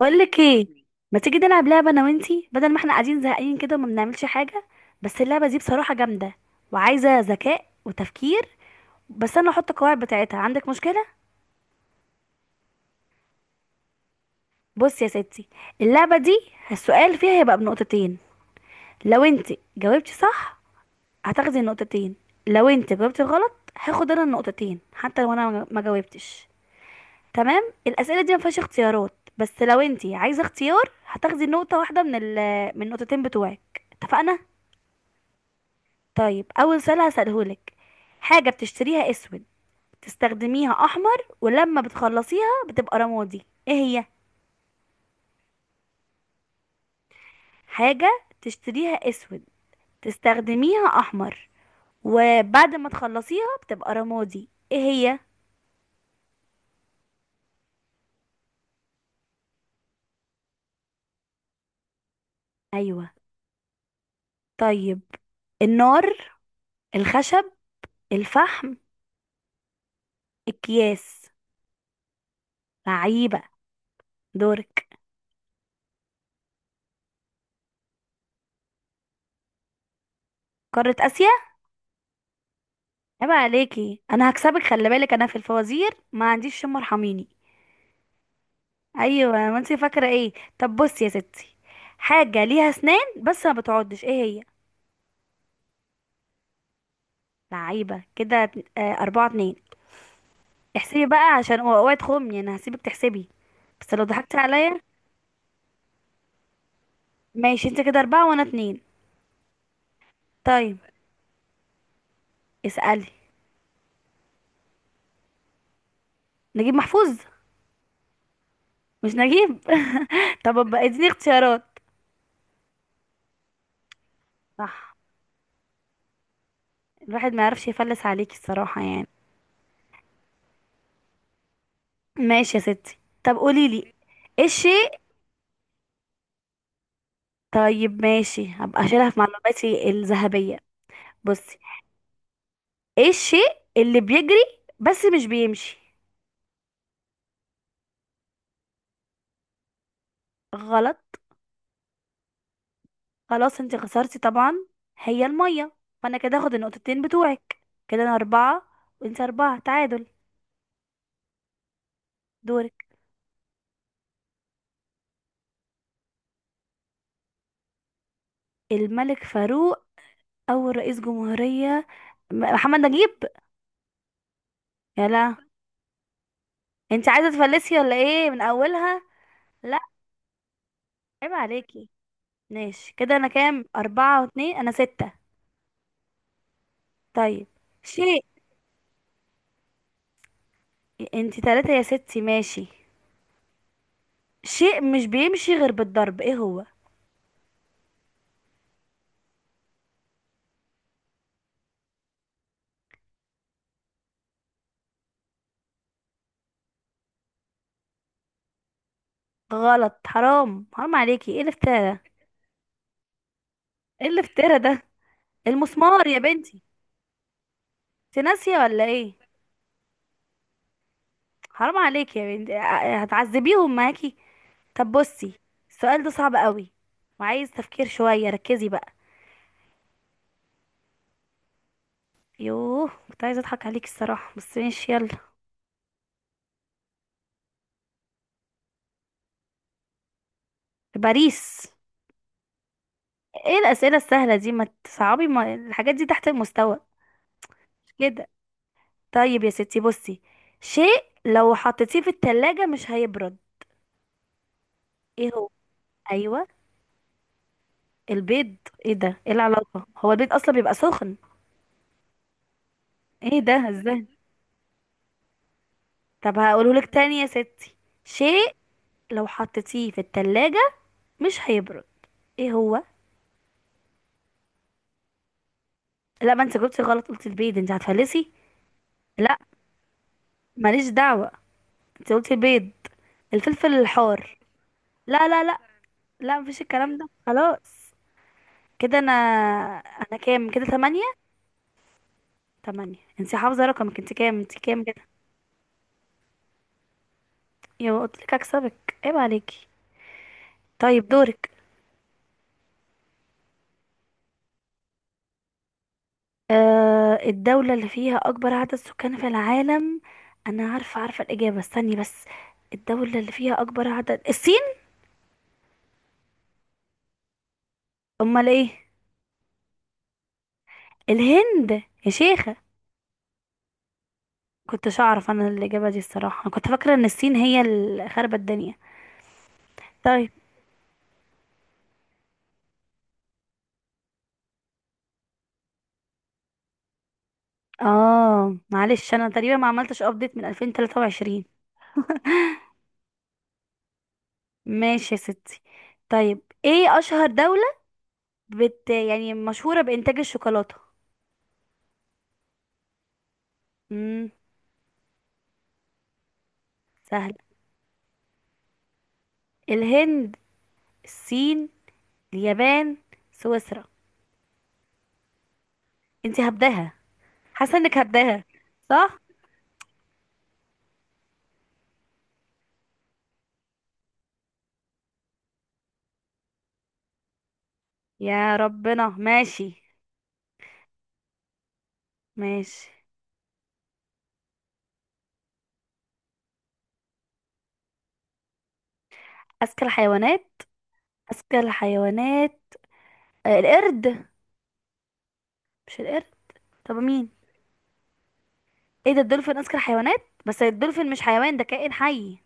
بقول لك ايه؟ ما تيجي نلعب لعبه انا وانتي بدل ما احنا قاعدين زهقانين كده وما بنعملش حاجه؟ بس اللعبه دي بصراحه جامده وعايزه ذكاء وتفكير. بس انا هحط القواعد بتاعتها، عندك مشكله؟ بص يا ستي، اللعبه دي السؤال فيها هيبقى بنقطتين. لو انتي جاوبتي صح هتاخدي النقطتين، لو انتي جاوبتي غلط هاخد انا النقطتين حتى لو انا ما جاوبتش. تمام، الاسئله دي ما فيهاش اختيارات، بس لو انتي عايزه اختيار هتاخدي نقطه واحده من ال من النقطتين بتوعك، اتفقنا؟ طيب، اول سؤال هسألهولك. حاجة بتشتريها اسود، تستخدميها احمر، ولما بتخلصيها بتبقى رمادي، ايه هي؟ حاجة تشتريها اسود، تستخدميها احمر، وبعد ما تخلصيها بتبقى رمادي، ايه هي؟ ايوه. طيب، النار، الخشب، الفحم، اكياس. لعيبة، دورك. قارة اسيا. عيب عليكي، انا هكسبك. خلي بالك انا في الفوازير ما عنديش شم، ارحميني. ايوه، ما انت فاكره ايه. طب بصي يا ستي، حاجه ليها اسنان بس ما بتعضش، ايه هي؟ لعيبه كده. 4-2. احسبي بقى عشان اوعي تخمي، انا هسيبك تحسبي. بس لو ضحكتي عليا. ماشي، انت كده 4 وانا 2. طيب، اسألي. نجيب محفوظ. مش نجيب طب ابقى اديني اختيارات. صح. الواحد ما يعرفش يفلس عليكي الصراحه يعني. ماشي يا ستي. طب قولي لي، ايه الشيء؟ طيب ماشي، هبقى اشيلها في معلوماتي الذهبيه. بصي، ايه الشيء اللي بيجري بس مش بيمشي؟ غلط. خلاص، انت خسرتي طبعا. هي المية، فانا كده هاخد النقطتين بتوعك. كده انا 4 وانت 4، تعادل. دورك. الملك فاروق. اول رئيس جمهورية، محمد نجيب. يلا. انت عايزة تفلسي ولا ايه من اولها؟ لا، عيب عليكي. ماشي، كده انا كام؟ 4 و2 انا 6 طيب، شيء. انت تلاتة يا ستي، ماشي. شيء مش بيمشي غير بالضرب، ايه هو؟ غلط. حرام حرام عليكي، ايه الافتراء ده؟ ايه الافتراء ده؟ المسمار يا بنتي. انت ناسيه ولا ايه؟ حرام عليكي يا بنتي. هتعذبيهم معاكي. طب بصي، السؤال ده صعب قوي وعايز تفكير شويه، ركزي بقى. يوه، كنت عايزه اضحك عليكي الصراحه، بس ماشي يلا. باريس. ايه الاسئله السهله دي؟ ما تصعبي، ما الحاجات دي تحت المستوى كده. طيب يا ستي، بصي، شيء لو حطيتيه في التلاجة مش هيبرد، ايه هو؟ ايوه. البيض؟ ايه ده؟ ايه العلاقة؟ هو البيض اصلا بيبقى سخن؟ ايه ده، ازاي؟ طب هقوله لك تاني يا ستي. شيء لو حطيتيه في التلاجة مش هيبرد، ايه هو؟ لا، ما انت جبتي غلط، قلت البيض، انت هتفلسي. لا، ماليش دعوة، انت قلتي البيض. الفلفل الحار. لا لا لا، لا، مفيش الكلام ده، خلاص. كده انا كام كده؟ 8. 8. انت حافظة رقمك؟ انت كام كده؟ يا قلت لك اكسبك، عيب عليكي. طيب، دورك. آه، الدولة اللي فيها أكبر عدد سكان في العالم. أنا عارفة الإجابة، استني بس. الدولة اللي فيها أكبر عدد، الصين. أمال إيه؟ الهند. يا شيخة. كنتش أعرف أنا الإجابة دي الصراحة، أنا كنت فاكرة إن الصين هي اللي خربت الدنيا. طيب، آه معلش، أنا تقريبا ما عملتش أبديت من 2023. ماشي يا ستي. طيب، إيه أشهر دولة بت يعني مشهورة بإنتاج الشوكولاتة؟ امم. سهل. الهند، الصين، اليابان، سويسرا. انتي هبداها. حاسه انك هبداها. صح. يا ربنا ماشي. ماشي. اذكى الحيوانات. اذكى الحيوانات. آه، القرد. مش القرد. طب مين؟ ايه ده؟ الدولفين اذكى الحيوانات؟ بس الدولفين مش حيوان، ده كائن حي.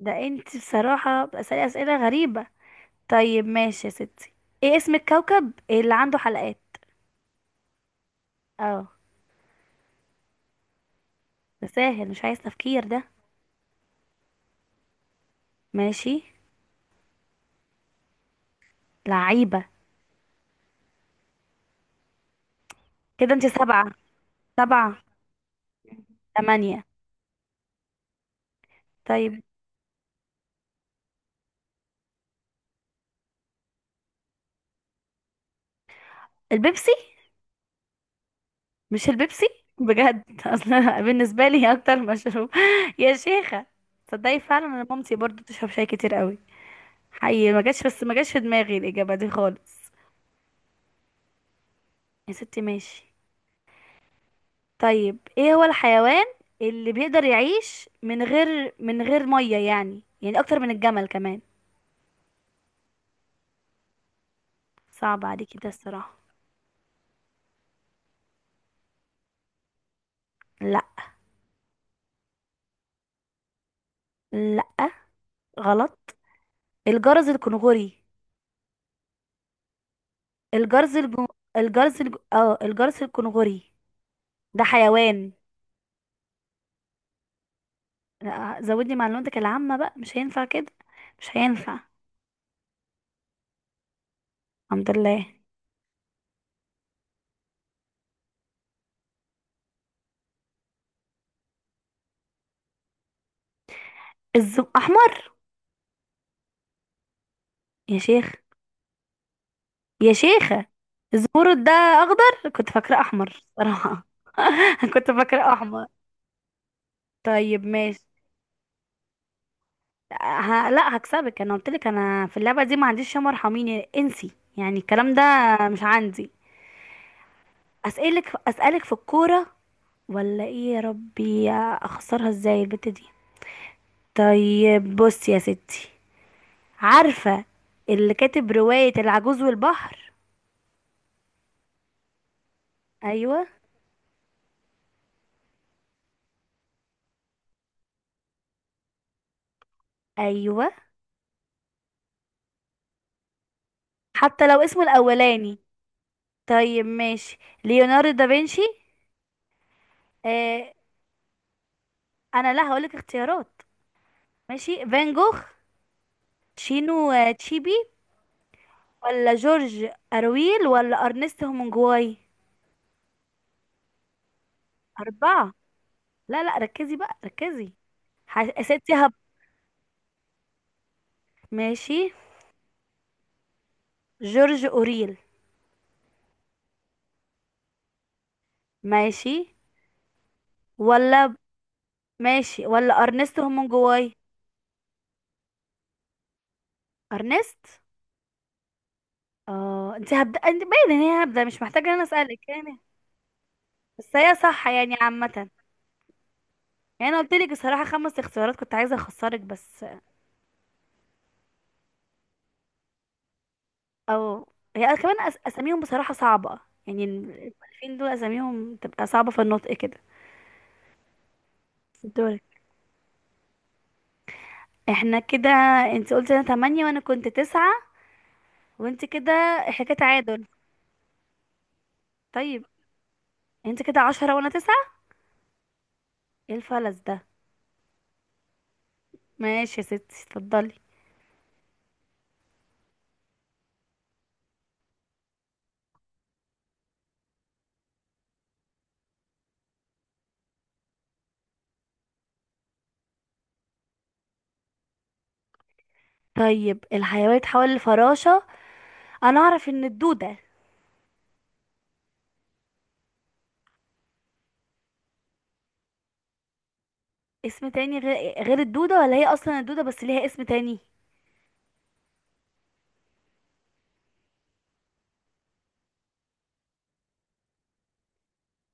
ده انت بصراحه بتسألي اسئله غريبه. طيب ماشي يا ستي. ايه اسم الكوكب اللي عنده حلقات؟ اه. ده سهل، مش عايز تفكير ده. ماشي. لعيبه. كده انت 7. 7. 8. طيب. البيبسي. مش البيبسي بجد اصلا بالنسبه لي هي اكتر مشروب. يا شيخه. تصدقي فعلا انا مامتي برضو بتشرب شاي كتير قوي. حقيقي ما جاش في دماغي الاجابه دي خالص. يا ستي ماشي. طيب، ايه هو الحيوان اللي بيقدر يعيش من غير ميه؟ يعني اكتر من الجمل كمان. صعب عليكي ده الصراحه. لا. لا، غلط. الجرز الكنغوري. الجرز الج... الجرز الج... اه الجرز الكنغوري. ده حيوان. لا، زودني معلوماتك العامة بقى، مش هينفع كده، مش هينفع. الحمد لله. أحمر. يا شيخ. يا شيخة. الزمرد ده أخضر، كنت فاكراه أحمر صراحة. كنت فاكراه أحمر. طيب ماشي. لا، هكسبك. أنا قلت لك أنا في اللعبة دي ما عنديش شمر، ارحميني، انسي يعني الكلام ده، مش عندي. أسألك في الكورة ولا إيه يا ربي؟ أخسرها إزاي البت دي. طيب بص يا ستي، عارفة اللي كاتب رواية العجوز والبحر؟ أيوة. أيوة، حتى لو اسمه الأولاني. طيب ماشي، ليوناردو دافنشي. آه. أنا لا هقولك اختيارات. ماشي، فان جوخ، تشينو، تشيبي، ولا جورج أرويل، ولا أرنست هومنجواي. 4. لا لا، ركزي بقى، ركزي. ح- يا ستي هب ماشي، جورج أوريل. ماشي ولا ماشي ولا أرنست هومنجواي. أرنست. اه، انت هبدا، انت باين ان هي هبدا، مش محتاجه ان انا اسالك يعني. بس هي صح يعني عامه. يعني انا قلت لك الصراحه 5 اختيارات كنت عايزه اخسرك بس. او، هي كمان اساميهم بصراحه صعبه، يعني المؤلفين دول اساميهم تبقى صعبه في النطق كده. دورك. احنا كده، انت قلت انا 8 وانا كنت 9، وانت كده، احنا كده تعادل. طيب، انت كده 10 وانا 9. ايه الفلس ده؟ ماشي يا ستي، اتفضلي. طيب، الحيوان اتحول لفراشة. انا اعرف ان الدودة. اسم تاني غير الدودة؟ ولا هي أصلا الدودة بس ليها اسم تاني؟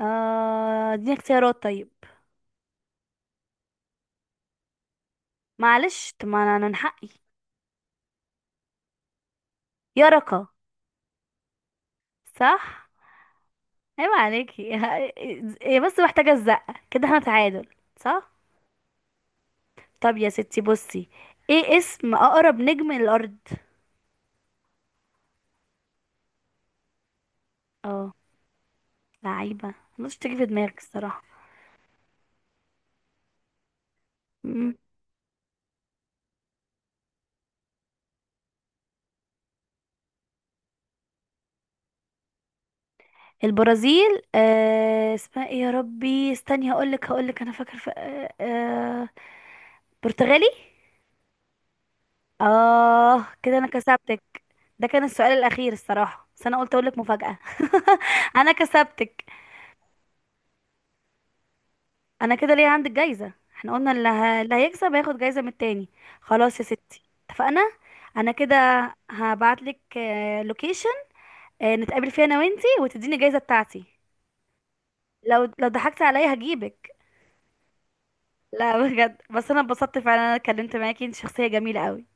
آه، اديني اختيارات طيب. معلش، طب ما أنا، أنا من حقي. يرقة. صح. عيب عليكي هي بس محتاجة الزقة كده، احنا تعادل. صح. طب يا ستي بصي، ايه اسم أقرب نجم للأرض؟ اه. لعيبة، مش تيجي في دماغك الصراحة. مم. البرازيل، آه اسمها ايه يا ربي؟ استني، هقولك، أنا فاكر برتغالي. اه، كده انا كسبتك. ده كان السؤال الاخير الصراحه، بس انا قلت اقولك مفاجاه. انا كسبتك. انا كده ليه عندك جايزه، احنا قلنا اللي هيكسب هياخد جايزه من التاني. خلاص يا ستي، اتفقنا. انا كده هبعتلك لوكيشن نتقابل فيها انا وانتي وتديني الجايزه بتاعتي. لو ضحكتي عليا هجيبك. لا، بجد، بس انا اتبسطت فعلا انا اتكلمت معاكي، انت شخصيه جميله قوي.